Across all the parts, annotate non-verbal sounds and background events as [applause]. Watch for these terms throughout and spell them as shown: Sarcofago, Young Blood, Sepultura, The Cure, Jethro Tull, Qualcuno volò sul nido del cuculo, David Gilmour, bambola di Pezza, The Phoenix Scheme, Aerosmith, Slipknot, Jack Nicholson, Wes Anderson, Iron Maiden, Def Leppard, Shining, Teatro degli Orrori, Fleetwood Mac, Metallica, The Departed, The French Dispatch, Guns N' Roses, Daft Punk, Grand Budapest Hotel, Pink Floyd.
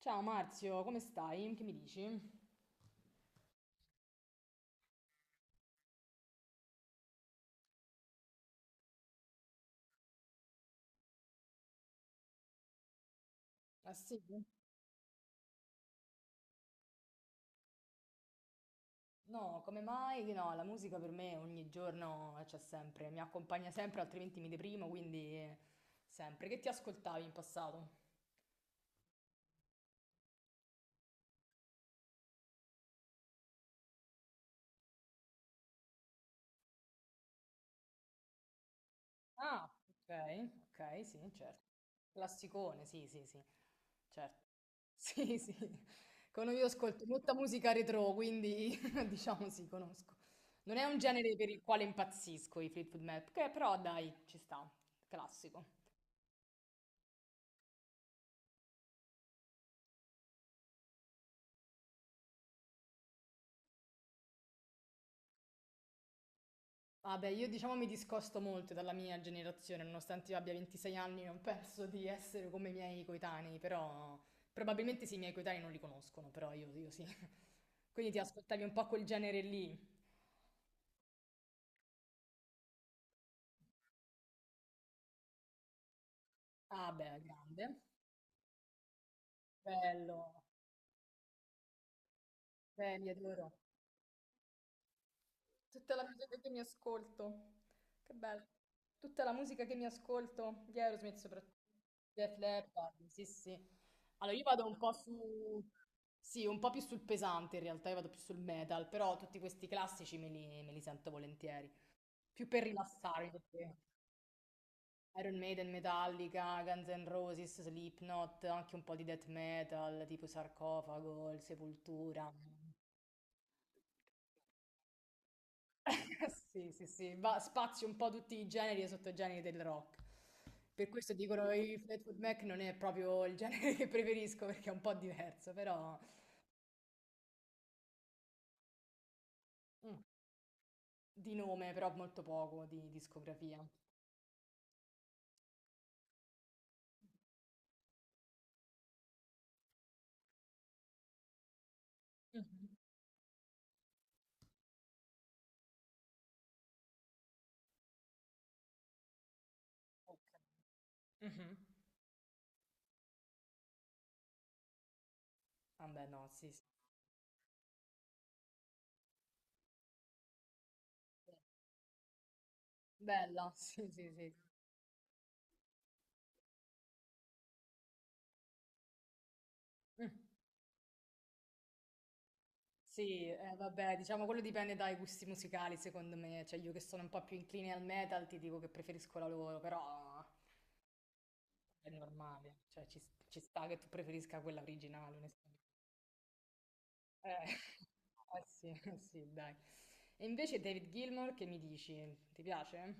Ciao Marzio, come stai? Che mi dici? Ah sì? No, come mai? Che No, la musica per me ogni giorno, c'è sempre, mi accompagna sempre, altrimenti mi deprimo, quindi sempre. Che ti ascoltavi in passato? Ah, ok, ok, sì, certo. Classicone, sì, sì, sì, certo. [laughs] Sì, sì. Io ascolto molta musica retro, quindi [laughs] diciamo sì, conosco. Non è un genere per il quale impazzisco i Fleetwood Mac, che però dai, ci sta, classico. Vabbè, io diciamo mi discosto molto dalla mia generazione, nonostante io abbia 26 anni, non penso di essere come i miei coetanei, però probabilmente sì, i miei coetanei non li conoscono, però io sì. Quindi ti ascoltavi un po' quel genere lì. Ah, beh, grande. Bello. Beh, li adoro. Tutta la musica che mi ascolto. Che bello. Tutta la musica che mi ascolto di Aerosmith soprattutto. Def Leppard, sì, sì. Allora, io vado un po' su... Sì, un po' più sul pesante in realtà, io vado più sul metal, però tutti questi classici me li sento volentieri. Più per rilassarmi, perché Iron Maiden, Metallica, Guns N' Roses, Slipknot, anche un po' di death metal, tipo Sarcofago, il Sepoltura. [laughs] Sì, sì, sì, va, spazi un po' tutti i generi e sottogeneri del rock. Per questo dicono i Fleetwood Mac non è proprio il [laughs] genere che preferisco perché è un po' diverso, però mm, di nome, però molto poco di discografia. Mhm. Ok. Mhm. Vabbè, no, sì, sì. Bella, [laughs] sì, sì, sì. Mm. Sì, vabbè, diciamo quello dipende dai gusti musicali, secondo me. Cioè, io che sono un po' più incline al metal, ti dico che preferisco la loro, però è normale, cioè ci sta che tu preferisca quella originale, onestamente. Eh, [laughs] sì, eh sì, dai. E invece David Gilmour, che mi dici? Ti piace?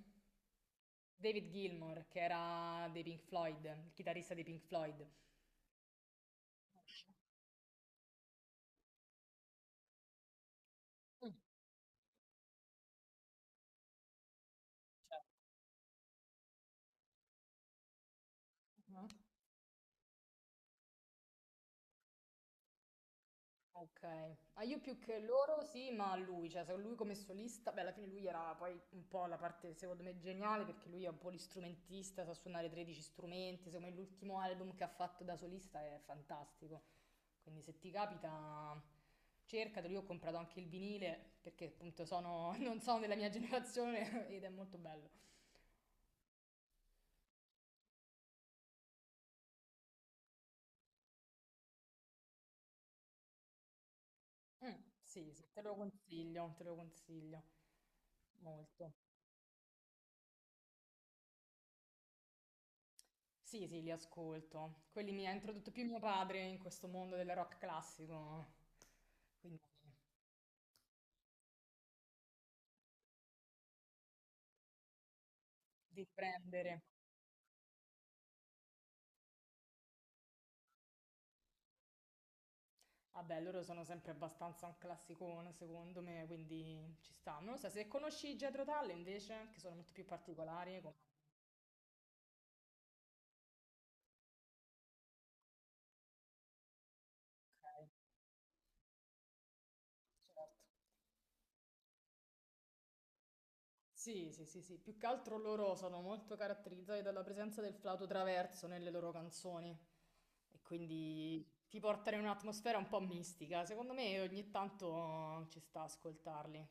David Gilmour, che era dei Pink Floyd, il chitarrista dei Pink Floyd. Mm, certo. Ok, ah, io più che loro sì, ma a lui, cioè se lui come solista, beh alla fine lui era poi un po' la parte secondo me geniale perché lui è un po' l'istrumentista, sa suonare 13 strumenti, secondo me l'ultimo album che ha fatto da solista è fantastico, quindi se ti capita cercatelo, io ho comprato anche il vinile perché appunto sono, [laughs] non sono della mia generazione [laughs] ed è molto bello. Mm, sì, sì, te lo consiglio molto. Sì, sì, li ascolto. Quelli mi ha introdotto più mio padre in questo mondo del rock classico, quindi di prendere. Vabbè, loro sono sempre abbastanza un classicone, secondo me, quindi ci sta. Non lo so, se conosci Jethro Tull invece, che sono molto più particolari, come... ok, certo. Sì, sì, sì, sì, più che altro loro sono molto caratterizzati dalla presenza del flauto traverso nelle loro canzoni e quindi ti portano in un'atmosfera un po' mistica. Secondo me ogni tanto ci sta a ascoltarli.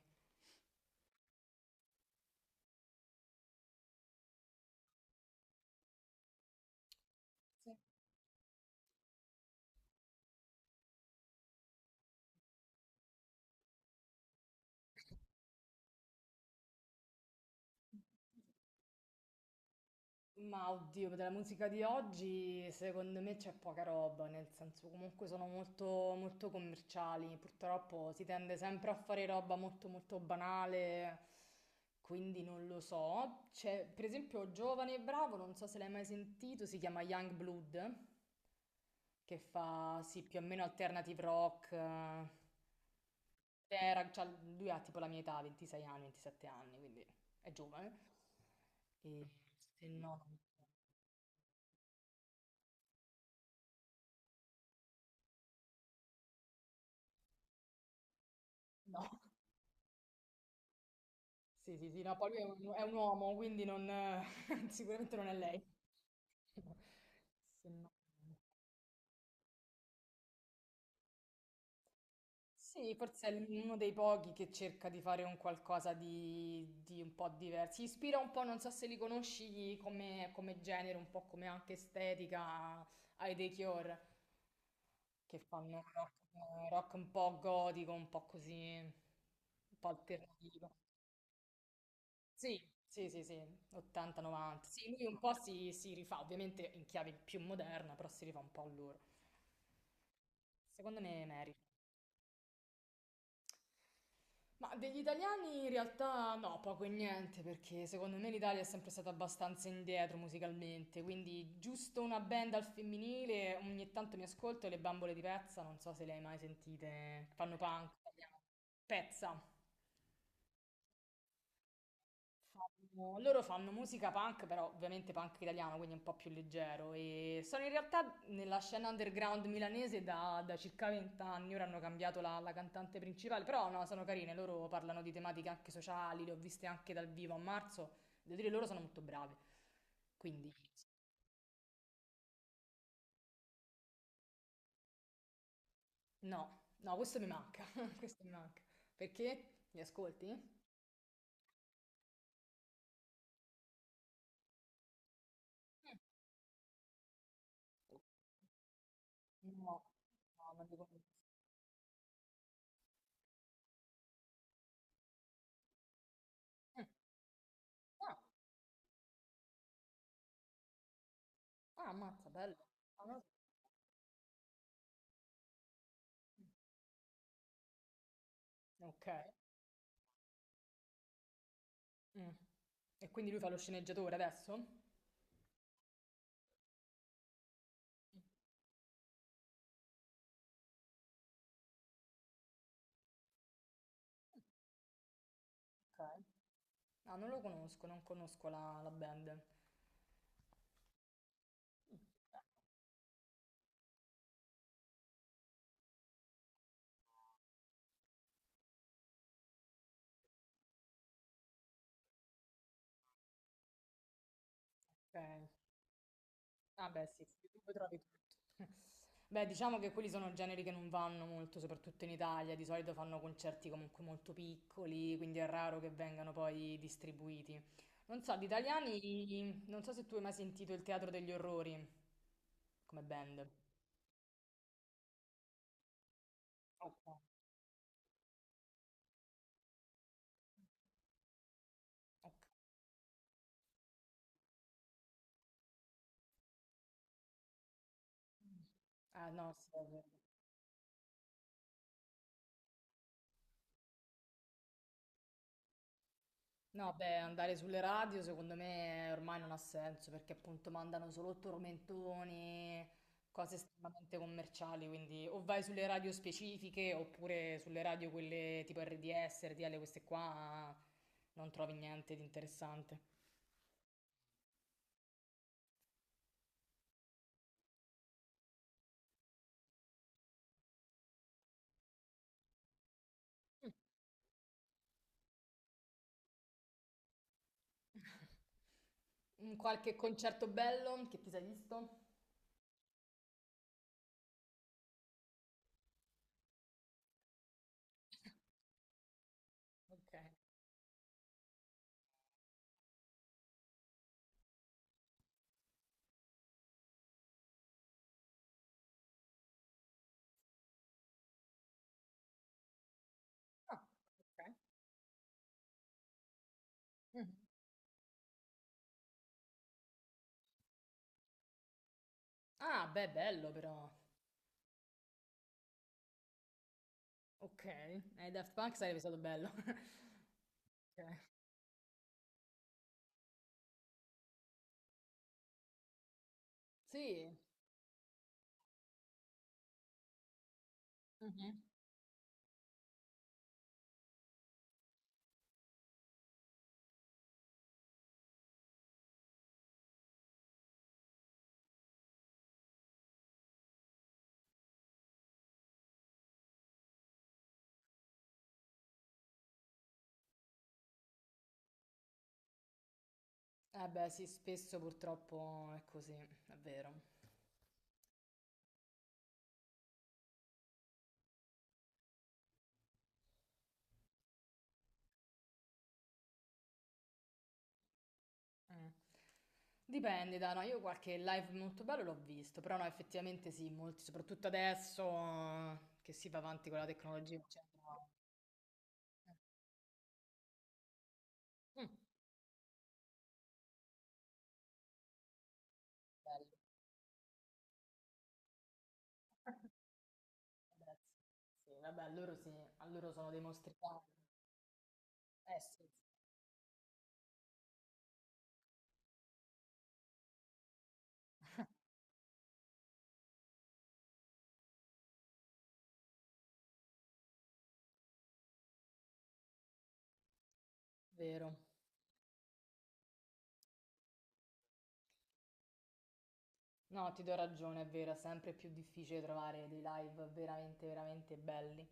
Ma oddio, della musica di oggi secondo me c'è poca roba, nel senso comunque sono molto, molto commerciali, purtroppo si tende sempre a fare roba molto molto banale, quindi non lo so. C'è per esempio Giovane e Bravo, non so se l'hai mai sentito, si chiama Young Blood, che fa sì più o meno alternative rock, era- c'ha- lui ha tipo la mia età, 26 anni, 27 anni, quindi è giovane. E se no, no. Sì, sì, sì, no, poi lui è un uomo, quindi non, [laughs] sicuramente non è lei. Se no- Sì, forse uno dei pochi che cerca di fare un qualcosa di, un po' diverso. Si ispira un po', non so se li conosci come genere, un po' come anche estetica ai The Cure, che fanno rock, rock un po' gotico, un po' così, un po' alternativo. Sì, sì, sì, sì, 80-90. Sì, lui un po' si rifà, ovviamente in chiave più moderna, però si rifà un po' a loro. Secondo me merita. Ma degli italiani in realtà no, poco e niente, perché secondo me l'Italia è sempre stata abbastanza indietro musicalmente, quindi giusto una band al femminile, ogni tanto mi ascolto le bambole di Pezza, non so se le hai mai sentite, fanno punk, italiano. Pezza. Loro fanno musica punk, però ovviamente punk italiano, quindi un po' più leggero. E sono in realtà nella scena underground milanese da circa 20 anni. Ora hanno cambiato la cantante principale, però no, sono carine. Loro parlano di tematiche anche sociali, le ho viste anche dal vivo a marzo. Devo dire, loro sono molto brave. Quindi, no, no, questo mi manca. [laughs] Questo mi manca. Perché? Li ascolti? Mm. No, no, non li conosco. Mm. Ah, ah, ammazza, bello. Ah, no. Mm, ok. Mm. E quindi lui fa lo sceneggiatore adesso? Ok. Ah, non lo conosco, non conosco la band. Ok. Ah, beh, sì. Su YouTube trovi tutto. [laughs] Beh, diciamo che quelli sono generi che non vanno molto, soprattutto in Italia. Di solito fanno concerti comunque molto piccoli, quindi è raro che vengano poi distribuiti. Non so, di italiani, non so se tu hai mai sentito il Teatro degli Orrori come band. Ok. Ok. Ah, no, sì, è vero. No, beh, andare sulle radio secondo me ormai non ha senso perché appunto mandano solo tormentoni, cose estremamente commerciali, quindi o vai sulle radio specifiche oppure sulle radio quelle tipo RDS, RTL, queste qua non trovi niente di interessante. Mm, qualche concerto bello che ti sei visto? Ok. Ah, ok. Mm. Ah, beh, bello però. Ok, ai Daft Punk sarebbe stato bello. [laughs] Ok. Sì. Eh beh, sì, spesso purtroppo è così, è vero. Mm. Dipende, da no, io qualche live molto bello l'ho visto, però no, effettivamente sì, molti, soprattutto adesso che si va avanti con la tecnologia, eccetera. Eh, mm, bello, grazie. Sì, vabbè, loro sì, a loro sono dei mostri veri. Eh sì, vero. No, ti do ragione, è vero, è sempre più difficile trovare dei live veramente, veramente belli.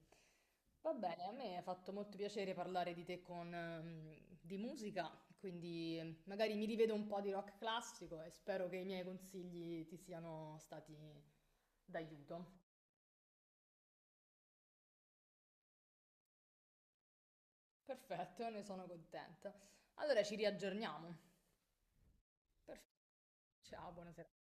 Va bene, a me ha fatto molto piacere parlare di te con, di musica, quindi magari mi rivedo un po' di rock classico e spero che i miei consigli ti siano stati d'aiuto. Perfetto, ne sono contenta. Allora ci riaggiorniamo. Perf- Ciao, buona serata.